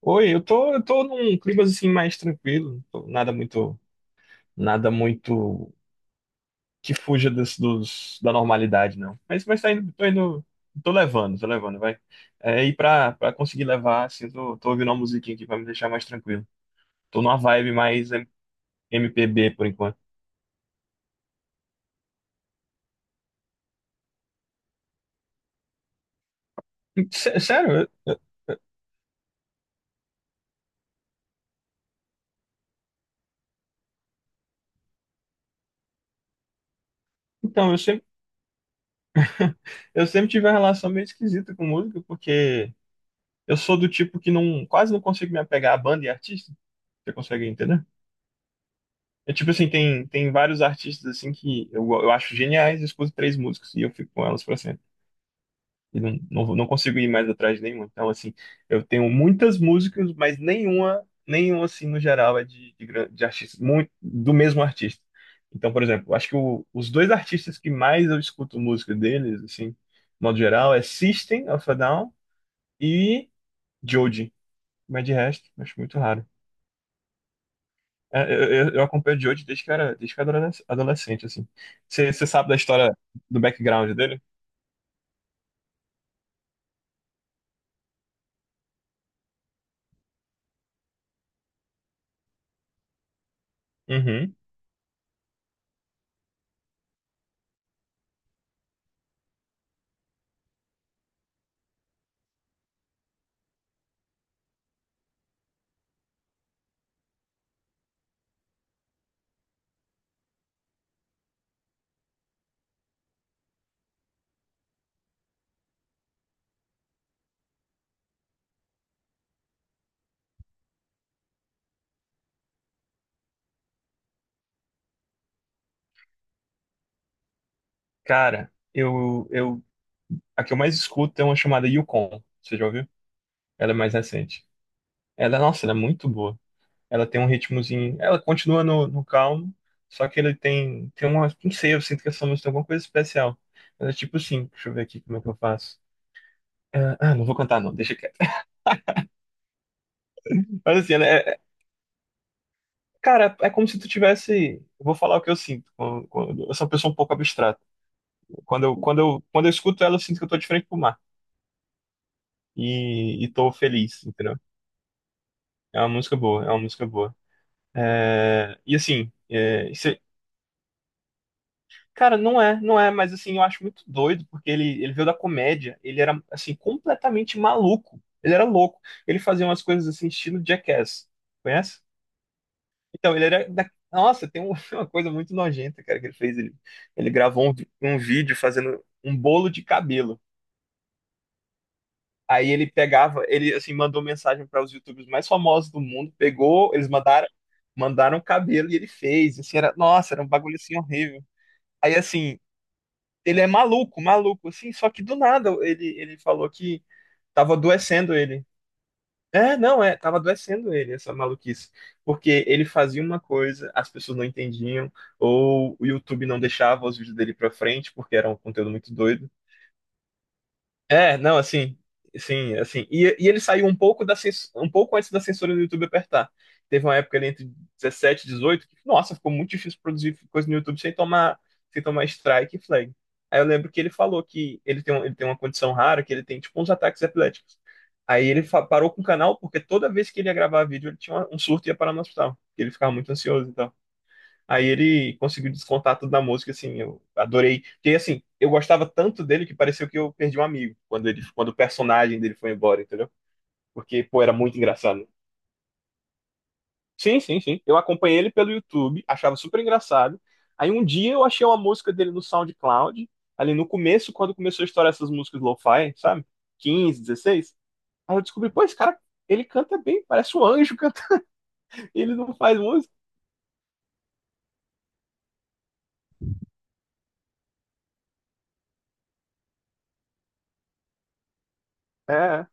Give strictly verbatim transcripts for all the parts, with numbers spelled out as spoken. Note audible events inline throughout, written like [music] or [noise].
Oi, eu tô, eu tô num clima assim mais tranquilo, não tô- nada muito, nada muito que fuja dos, dos- da normalidade, não. Mas, mas tá indo, tô indo, tô levando, tô levando, vai. É, e pra, pra conseguir levar, assim, eu tô, tô ouvindo uma musiquinha aqui pra me deixar mais tranquilo. Tô numa vibe mais M- MPB por enquanto. Sé- Sério, eu- então, eu sempre, eu sempre tive uma relação meio esquisita com música, porque eu sou do tipo que não, quase não consigo me apegar a banda e artista. Você consegue entender? É tipo assim, tem, tem vários artistas assim que eu, eu acho geniais, eu escuto três músicas e eu fico com elas pra sempre. E não, não, vou- não consigo ir mais atrás de nenhuma. Então, assim, eu tenho muitas músicas, mas nenhuma, nenhuma assim, no geral, é de, de, gran- de artistas, muito, do mesmo artista. Então, por exemplo, eu acho que o- os dois artistas que mais eu escuto música deles, assim, de modo geral, é System of a Down e Joji. Mas de resto, eu acho muito raro. É, eu, eu, eu acompanho o Jojo desde que eu era, desde que eu era adolesc- adolescente, assim. Você você sabe da história do background dele? Uhum. Cara, eu, eu, a que eu mais escuto é uma chamada Yukon. Você já ouviu? Ela é mais recente. Ela, nossa, ela é muito boa. Ela tem um ritmozinho. Ela continua no, no calmo, só que ele tem, tem uma. Não sei, eu sinto que essa música tem alguma coisa especial. Ela é tipo assim, deixa eu ver aqui como é que eu faço. É, ah, não vou cantar, não, deixa quieto. [laughs] Mas assim, ela é, cara, é como se tu tivesse. Eu vou falar o que eu sinto. Quando, quando- eu sou uma pessoa um pouco abstrata. Quando eu, quando eu, quando eu escuto ela, eu sinto que eu tô de frente pro mar. E, e tô feliz, entendeu? É uma música boa, é uma música boa. É, e assim, é, isso- é, cara, não é, não é, mas assim, eu acho muito doido, porque ele, ele veio da comédia, ele era, assim, completamente maluco. Ele era louco. Ele fazia umas coisas assim, estilo Jackass. Conhece? Então, ele era. Da... Nossa, tem um- [laughs] uma coisa muito nojenta, cara, que ele fez. Ele, ele gravou um, vi- um vídeo fazendo um bolo de cabelo. Aí ele pegava, ele assim mandou mensagem para os YouTubers mais famosos do mundo, pegou, eles mandaram, mandaram cabelo e ele fez. Assim, era, nossa, era um bagulho assim horrível. Aí assim, ele é maluco, maluco, assim, só que do nada ele, ele falou que tava adoecendo ele. É, não, é, tava adoecendo ele, essa maluquice. Porque ele fazia uma coisa, as pessoas não entendiam, ou o YouTube não deixava os vídeos dele pra frente, porque era um conteúdo muito doido. É, não, assim, sim, assim. E, e ele saiu um pouco da cens- um pouco antes da censura do YouTube apertar. Teve uma época ali entre dezessete, e dezoito que, nossa, ficou muito difícil produzir coisa no YouTube sem tomar, sem tomar strike e flag. Aí eu lembro que ele falou que ele tem, um- ele tem uma condição rara, que ele tem tipo uns ataques epiléticos. Aí ele fa- parou com o canal porque toda vez que ele ia gravar vídeo, ele tinha uma- um surto e ia parar no hospital. Ele ficava muito ansioso então. Aí ele conseguiu descontar tudo na música, assim, eu adorei. Porque, assim, eu gostava tanto dele que pareceu que eu perdi um amigo quando ele, quando o personagem dele foi embora, entendeu? Porque, pô, era muito engraçado. Sim, sim, sim. Eu acompanhei ele pelo YouTube, achava super engraçado. Aí um dia eu achei uma música dele no SoundCloud, ali no começo, quando começou a estourar essas músicas lo-fi, sabe? Quinze, dezesseis. Aí eu descobri, pô, esse cara, ele canta bem, parece um anjo cantando. [laughs] Ele não faz música. É, é.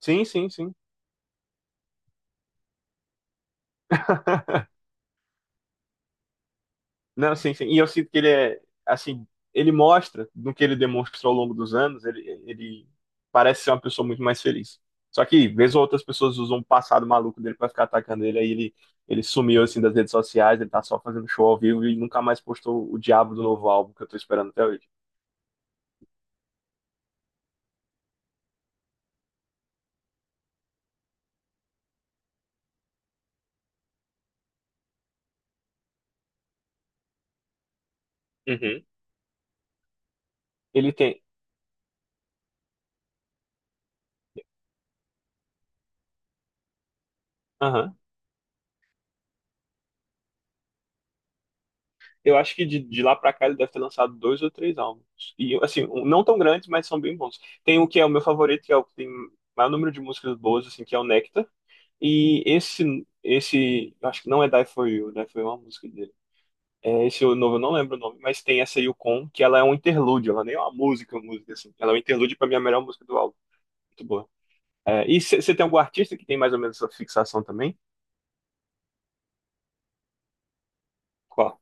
Sim, sim, sim. Não, sim, sim. E eu sinto que ele é, assim, ele mostra no que ele demonstrou ao longo dos anos, ele, ele parece ser uma pessoa muito mais feliz. Só que, vez ou outra, as pessoas usam o passado maluco dele pra ficar atacando ele, aí ele, ele sumiu, assim, das redes sociais, ele tá só fazendo show ao vivo e nunca mais postou o diabo do novo álbum que eu tô esperando até hoje. Uhum. Ele tem. Aham. Eu acho que de, de lá pra cá ele deve ter lançado dois ou três álbuns. E, assim, um- não tão grandes, mas são bem bons. Tem o que é o meu favorito, que é o que tem maior número de músicas boas, assim, que é o Nectar. E esse, esse, eu acho que não é Die For You, Die For You é uma música dele. É, esse novo eu não lembro o nome, mas tem essa Yukon, que ela é um interlúdio, ela nem é uma música, música assim. Ela é um interlúdio pra mim, a melhor música do álbum. Muito boa. É, e você tem algum artista que tem mais ou menos essa fixação também? Qual?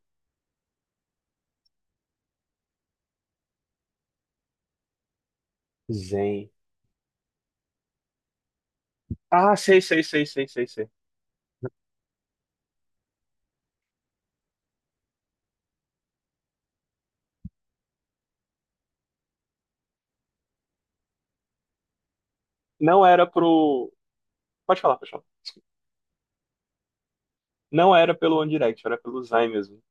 Zen. Ah, sei, sei, sei, sei, sei, sei. Não era pro. Pode falar, pessoal. Não era pelo One Direct, era pelo Zayn mesmo.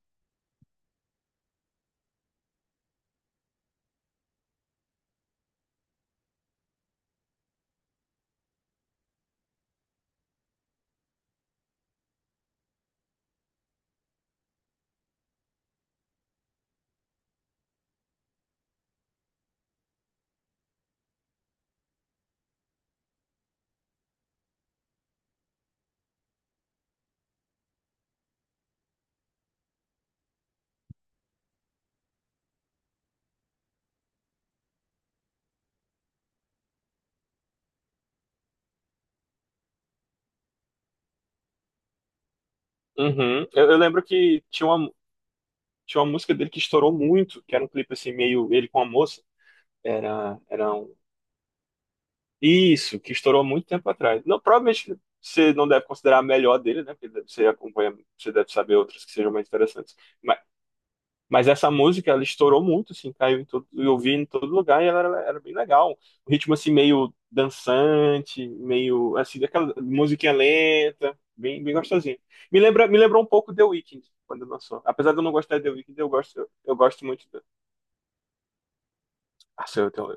Uhum. Eu, eu lembro que tinha uma, tinha uma música dele que estourou muito, que era um clipe assim, meio ele com a moça. Era, era um isso, que estourou muito tempo atrás. Não, provavelmente você não deve considerar a melhor dele, né? Porque você acompanha, você deve saber outras que sejam mais interessantes. Mas, mas essa música, ela estourou muito, assim, caiu em todo, eu vi em todo lugar e ela era, era bem legal. O ritmo, assim, meio dançante, meio, assim, daquela musiquinha lenta, bem, bem gostosinha. Me lembra, me lembrou um pouco The Weeknd, quando lançou. Apesar de eu não gostar de The Weeknd, eu gosto, eu, gosto muito. da- Nossa, eu tenho,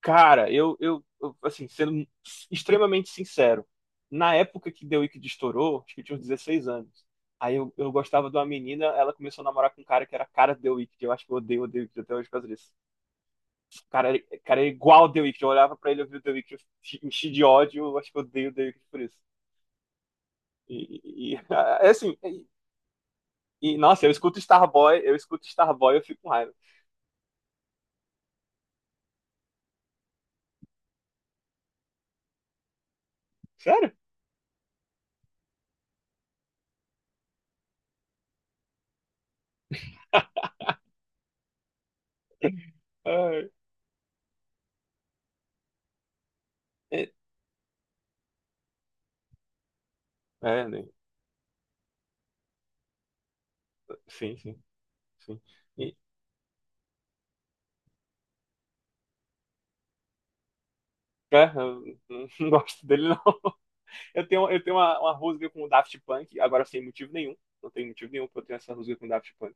cara, eu, eu, eu, assim, sendo extremamente sincero, na época que The Wicked estourou, acho que eu tinha uns dezesseis anos. Aí eu, eu gostava de uma menina, ela começou a namorar com um cara que era a cara de The Wicked. Eu acho que eu odeio o The Wicked até hoje por causa disso. O cara, era- o cara é igual ao The Wicked. Eu olhava pra ele, eu vi o The Wicked, eu enchi de ódio. Eu acho que eu odeio o The Wicked por isso. E, e- e- [laughs] é assim, e, e, nossa, eu escuto Starboy, eu escuto Starboy, eu fico com raiva. Sério? [laughs] Ai, é, é, né? Sim, sim, sim. É, eu não, [laughs] não gosto dele, não. Eu tenho, eu tenho uma, uma rusga com o Daft Punk, agora sem motivo nenhum. Não tem motivo nenhum pra eu ter essa rusga com o Daft Punk.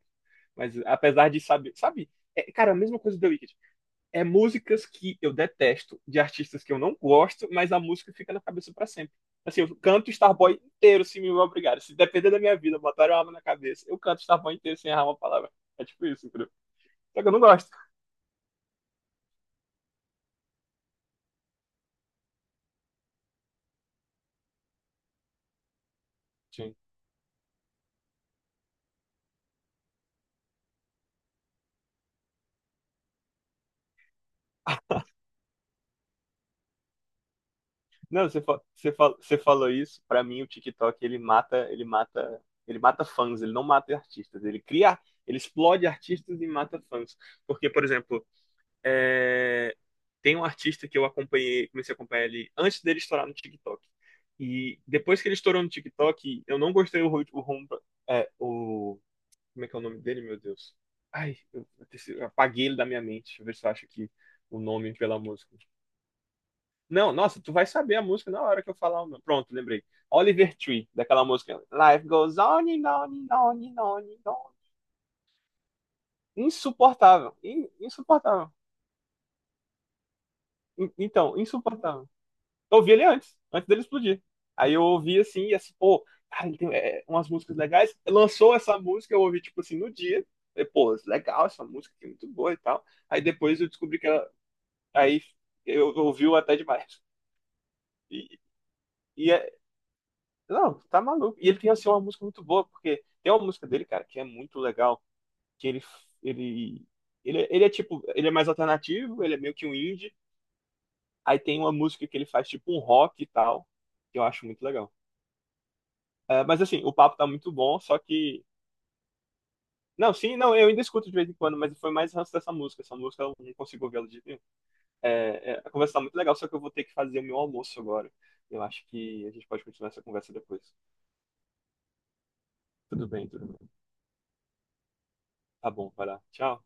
Mas apesar de saber, sabe? É, cara, a mesma coisa do The Wicked. É músicas que eu detesto, de artistas que eu não gosto, mas a música fica na cabeça pra sempre. Assim, eu canto Starboy inteiro se me obrigar. Se depender da minha vida, botar uma arma na cabeça, eu canto Starboy inteiro sem errar uma palavra. É tipo isso, entendeu? Só que eu não gosto. Não, você, fa- você, fa- você falou isso. Pra mim, o TikTok ele mata, ele mata, ele mata fãs. Ele não mata artistas. Ele cria, ele explode artistas e mata fãs. Porque, por exemplo, é, tem um artista que eu acompanhei, comecei a acompanhar ele antes dele estourar no TikTok. E depois que ele estourou no TikTok, eu não gostei o, ru- o, rum- é, o como é que é o nome dele, meu Deus? Ai, eu, eu apaguei ele da minha mente. Deixa eu ver se eu acho aqui o nome pela música. Não, nossa, tu vai saber a música na hora que eu falar o nome. Pronto, lembrei. Oliver Tree, daquela música. Life goes on and on and on and on and on. Insuportável. In- insuportável. In- então, insuportável. Eu ouvi ele antes, antes dele explodir. Aí eu ouvi assim, e assim, pô, cara, ele tem é, umas músicas legais. Lançou essa música, eu ouvi, tipo assim, no dia. Falei, pô, legal, essa música aqui é muito boa e tal. Aí depois eu descobri que ela. Aí eu eu ouvi o até demais. E, e é- Não, tu tá maluco. E ele tem, assim, uma música muito boa, porque tem uma música dele, cara, que é muito legal, que ele, ele, ele, é, ele é tipo, ele é mais alternativo, ele é meio que um indie, aí tem uma música que ele faz tipo um rock e tal, que eu acho muito legal. É, mas assim, o papo tá muito bom, só que... Não, sim, não, eu ainda escuto de vez em quando, mas foi mais ranço dessa música, essa música eu não consigo ouvi-la de nenhum. É, é, a conversa tá muito legal, só que eu vou ter que fazer o meu almoço agora. Eu acho que a gente pode continuar essa conversa depois. Tudo bem, tudo bem. Tá bom, vai lá. Tchau.